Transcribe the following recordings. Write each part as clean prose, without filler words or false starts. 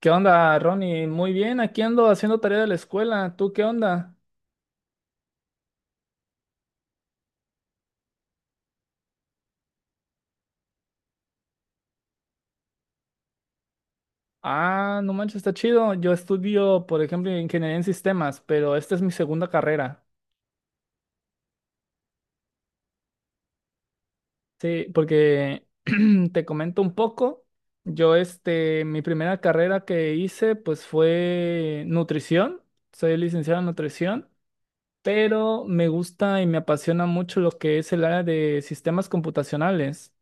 ¿Qué onda, Ronnie? Muy bien, aquí ando haciendo tarea de la escuela. ¿Tú qué onda? Ah, no manches, está chido. Yo estudio, por ejemplo, ingeniería en sistemas, pero esta es mi segunda carrera. Sí, porque te comento un poco. Yo, mi primera carrera que hice, pues fue nutrición. Soy licenciado en nutrición, pero me gusta y me apasiona mucho lo que es el área de sistemas computacionales.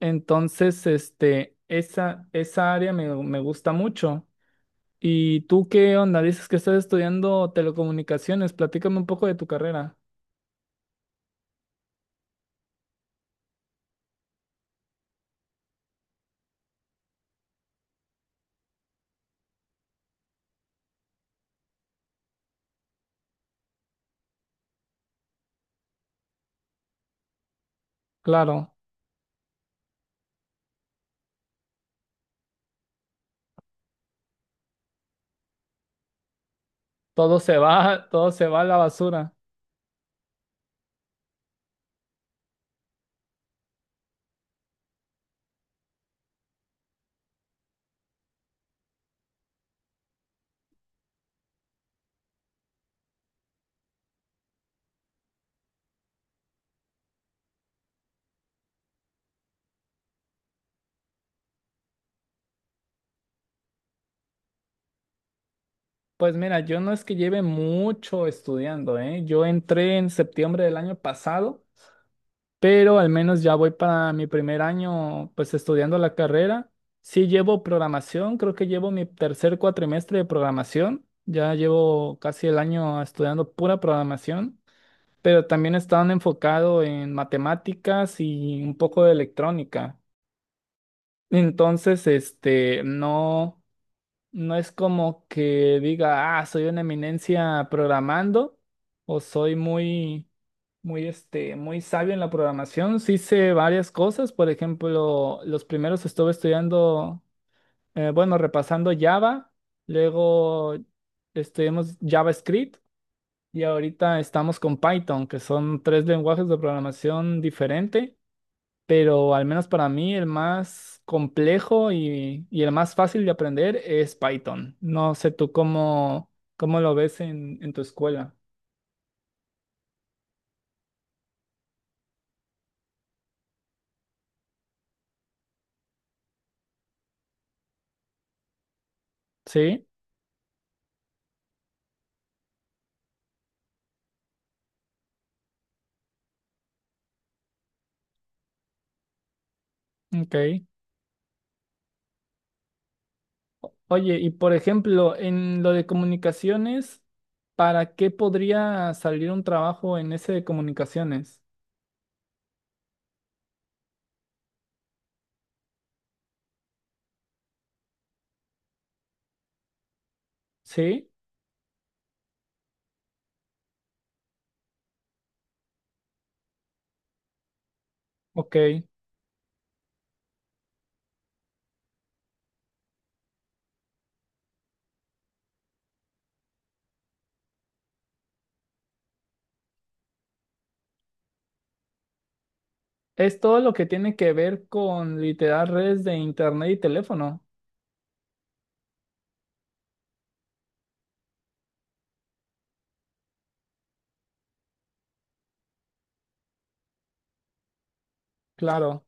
Entonces, esa área me gusta mucho. ¿Y tú qué onda? Dices que estás estudiando telecomunicaciones. Platícame un poco de tu carrera. Claro, todo se va, todo se va a la basura. Pues mira, yo no es que lleve mucho estudiando, ¿eh? Yo entré en septiembre del año pasado, pero al menos ya voy para mi primer año, pues estudiando la carrera. Sí llevo programación, creo que llevo mi tercer cuatrimestre de programación, ya llevo casi el año estudiando pura programación, pero también estaba enfocado en matemáticas y un poco de electrónica. Entonces, no, no es como que diga, ah, soy una eminencia programando o soy muy, muy sabio en la programación. Sí hice varias cosas. Por ejemplo, los primeros estuve estudiando, bueno, repasando Java, luego estudiamos JavaScript y ahorita estamos con Python, que son tres lenguajes de programación diferente, pero al menos para mí el más complejo y el más fácil de aprender es Python. No sé tú cómo lo ves en tu escuela. Sí, ok. Oye, y por ejemplo, en lo de comunicaciones, ¿para qué podría salir un trabajo en ese de comunicaciones? ¿Sí? Ok. Es todo lo que tiene que ver con literal redes de internet y teléfono. Claro.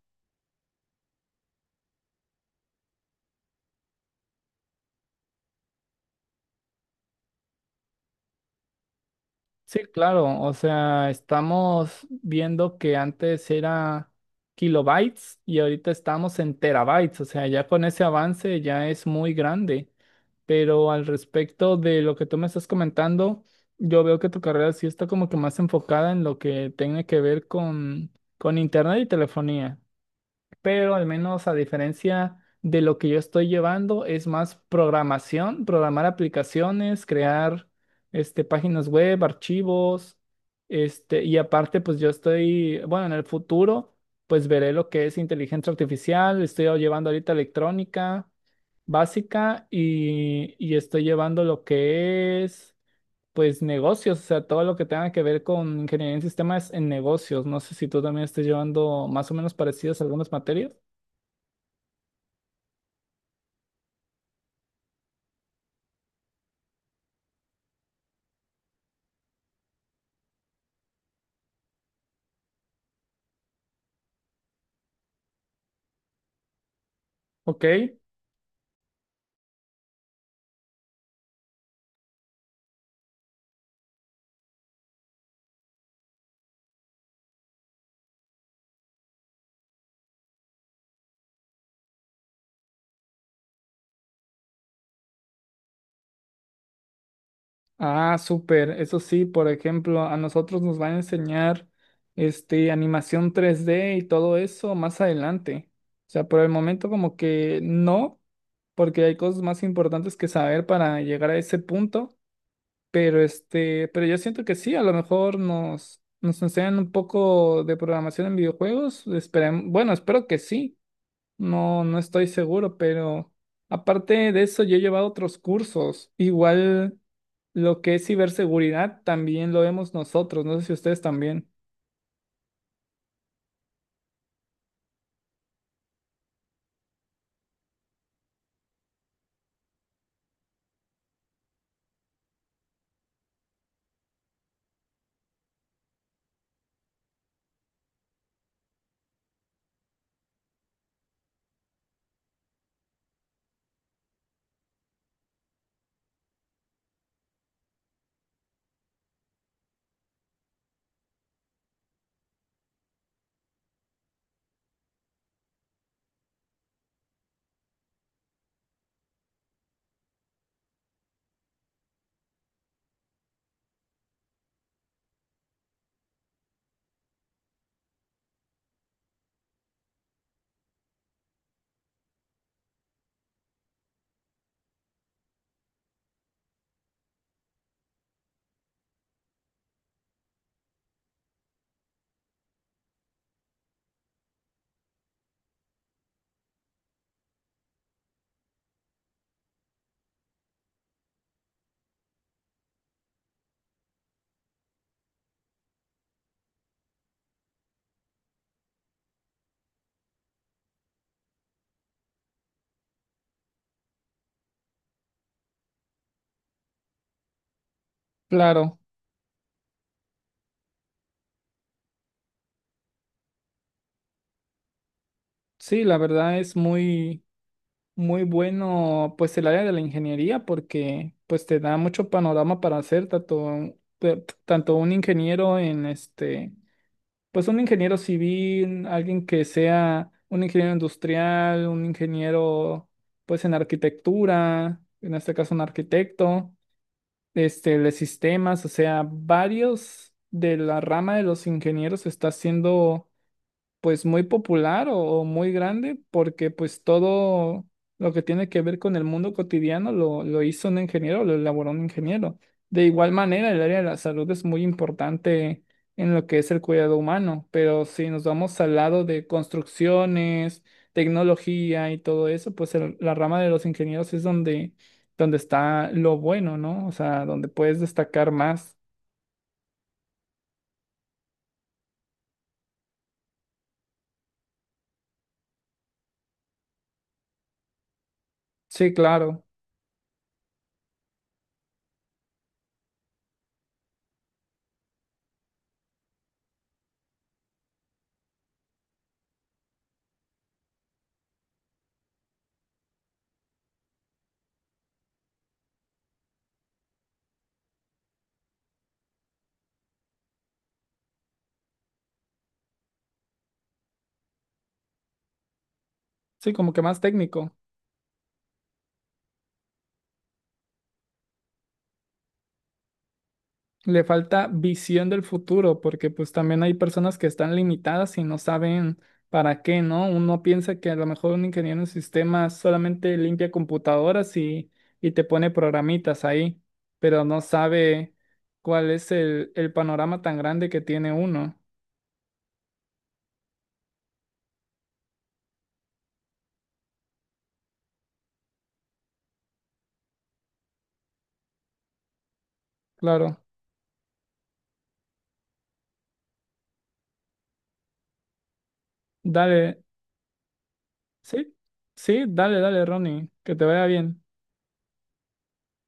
Sí, claro, o sea, estamos viendo que antes era kilobytes y ahorita estamos en terabytes, o sea, ya con ese avance ya es muy grande. Pero al respecto de lo que tú me estás comentando, yo veo que tu carrera sí está como que más enfocada en lo que tiene que ver con internet y telefonía, pero al menos a diferencia de lo que yo estoy llevando, es más programación, programar aplicaciones, crear, páginas web, archivos, y aparte, pues yo estoy, bueno, en el futuro, pues veré lo que es inteligencia artificial, estoy llevando ahorita electrónica básica y estoy llevando lo que es, pues, negocios, o sea, todo lo que tenga que ver con ingeniería en sistemas en negocios. No sé si tú también estés llevando más o menos parecidas algunas materias. Ok, ah, súper. Eso sí, por ejemplo, a nosotros nos van a enseñar animación tres d y todo eso más adelante. O sea, por el momento como que no, porque hay cosas más importantes que saber para llegar a ese punto. Pero este, pero yo siento que sí, a lo mejor nos enseñan un poco de programación en videojuegos. Bueno, espero que sí. No, no estoy seguro, pero aparte de eso, yo he llevado otros cursos. Igual. Lo que es ciberseguridad también lo vemos nosotros, no sé si ustedes también. Claro, sí, la verdad es muy bueno pues el área de la ingeniería porque pues te da mucho panorama para hacer tanto, tanto un ingeniero en este, pues un ingeniero civil, alguien que sea un ingeniero industrial, un ingeniero pues en arquitectura, en este caso un arquitecto. Este, de sistemas, o sea, varios de la rama de los ingenieros está haciendo pues muy popular o muy grande, porque pues todo lo que tiene que ver con el mundo cotidiano lo hizo un ingeniero, lo elaboró un ingeniero. De igual manera, el área de la salud es muy importante en lo que es el cuidado humano, pero si nos vamos al lado de construcciones, tecnología y todo eso, pues la rama de los ingenieros es donde, donde está lo bueno, ¿no? O sea, donde puedes destacar más. Sí, claro. Sí, como que más técnico. Le falta visión del futuro, porque pues también hay personas que están limitadas y no saben para qué, ¿no? Uno piensa que a lo mejor un ingeniero en sistemas solamente limpia computadoras y te pone programitas ahí, pero no sabe cuál es el panorama tan grande que tiene uno. Claro, dale, sí, sí, dale, dale, Ronnie, que te vaya bien.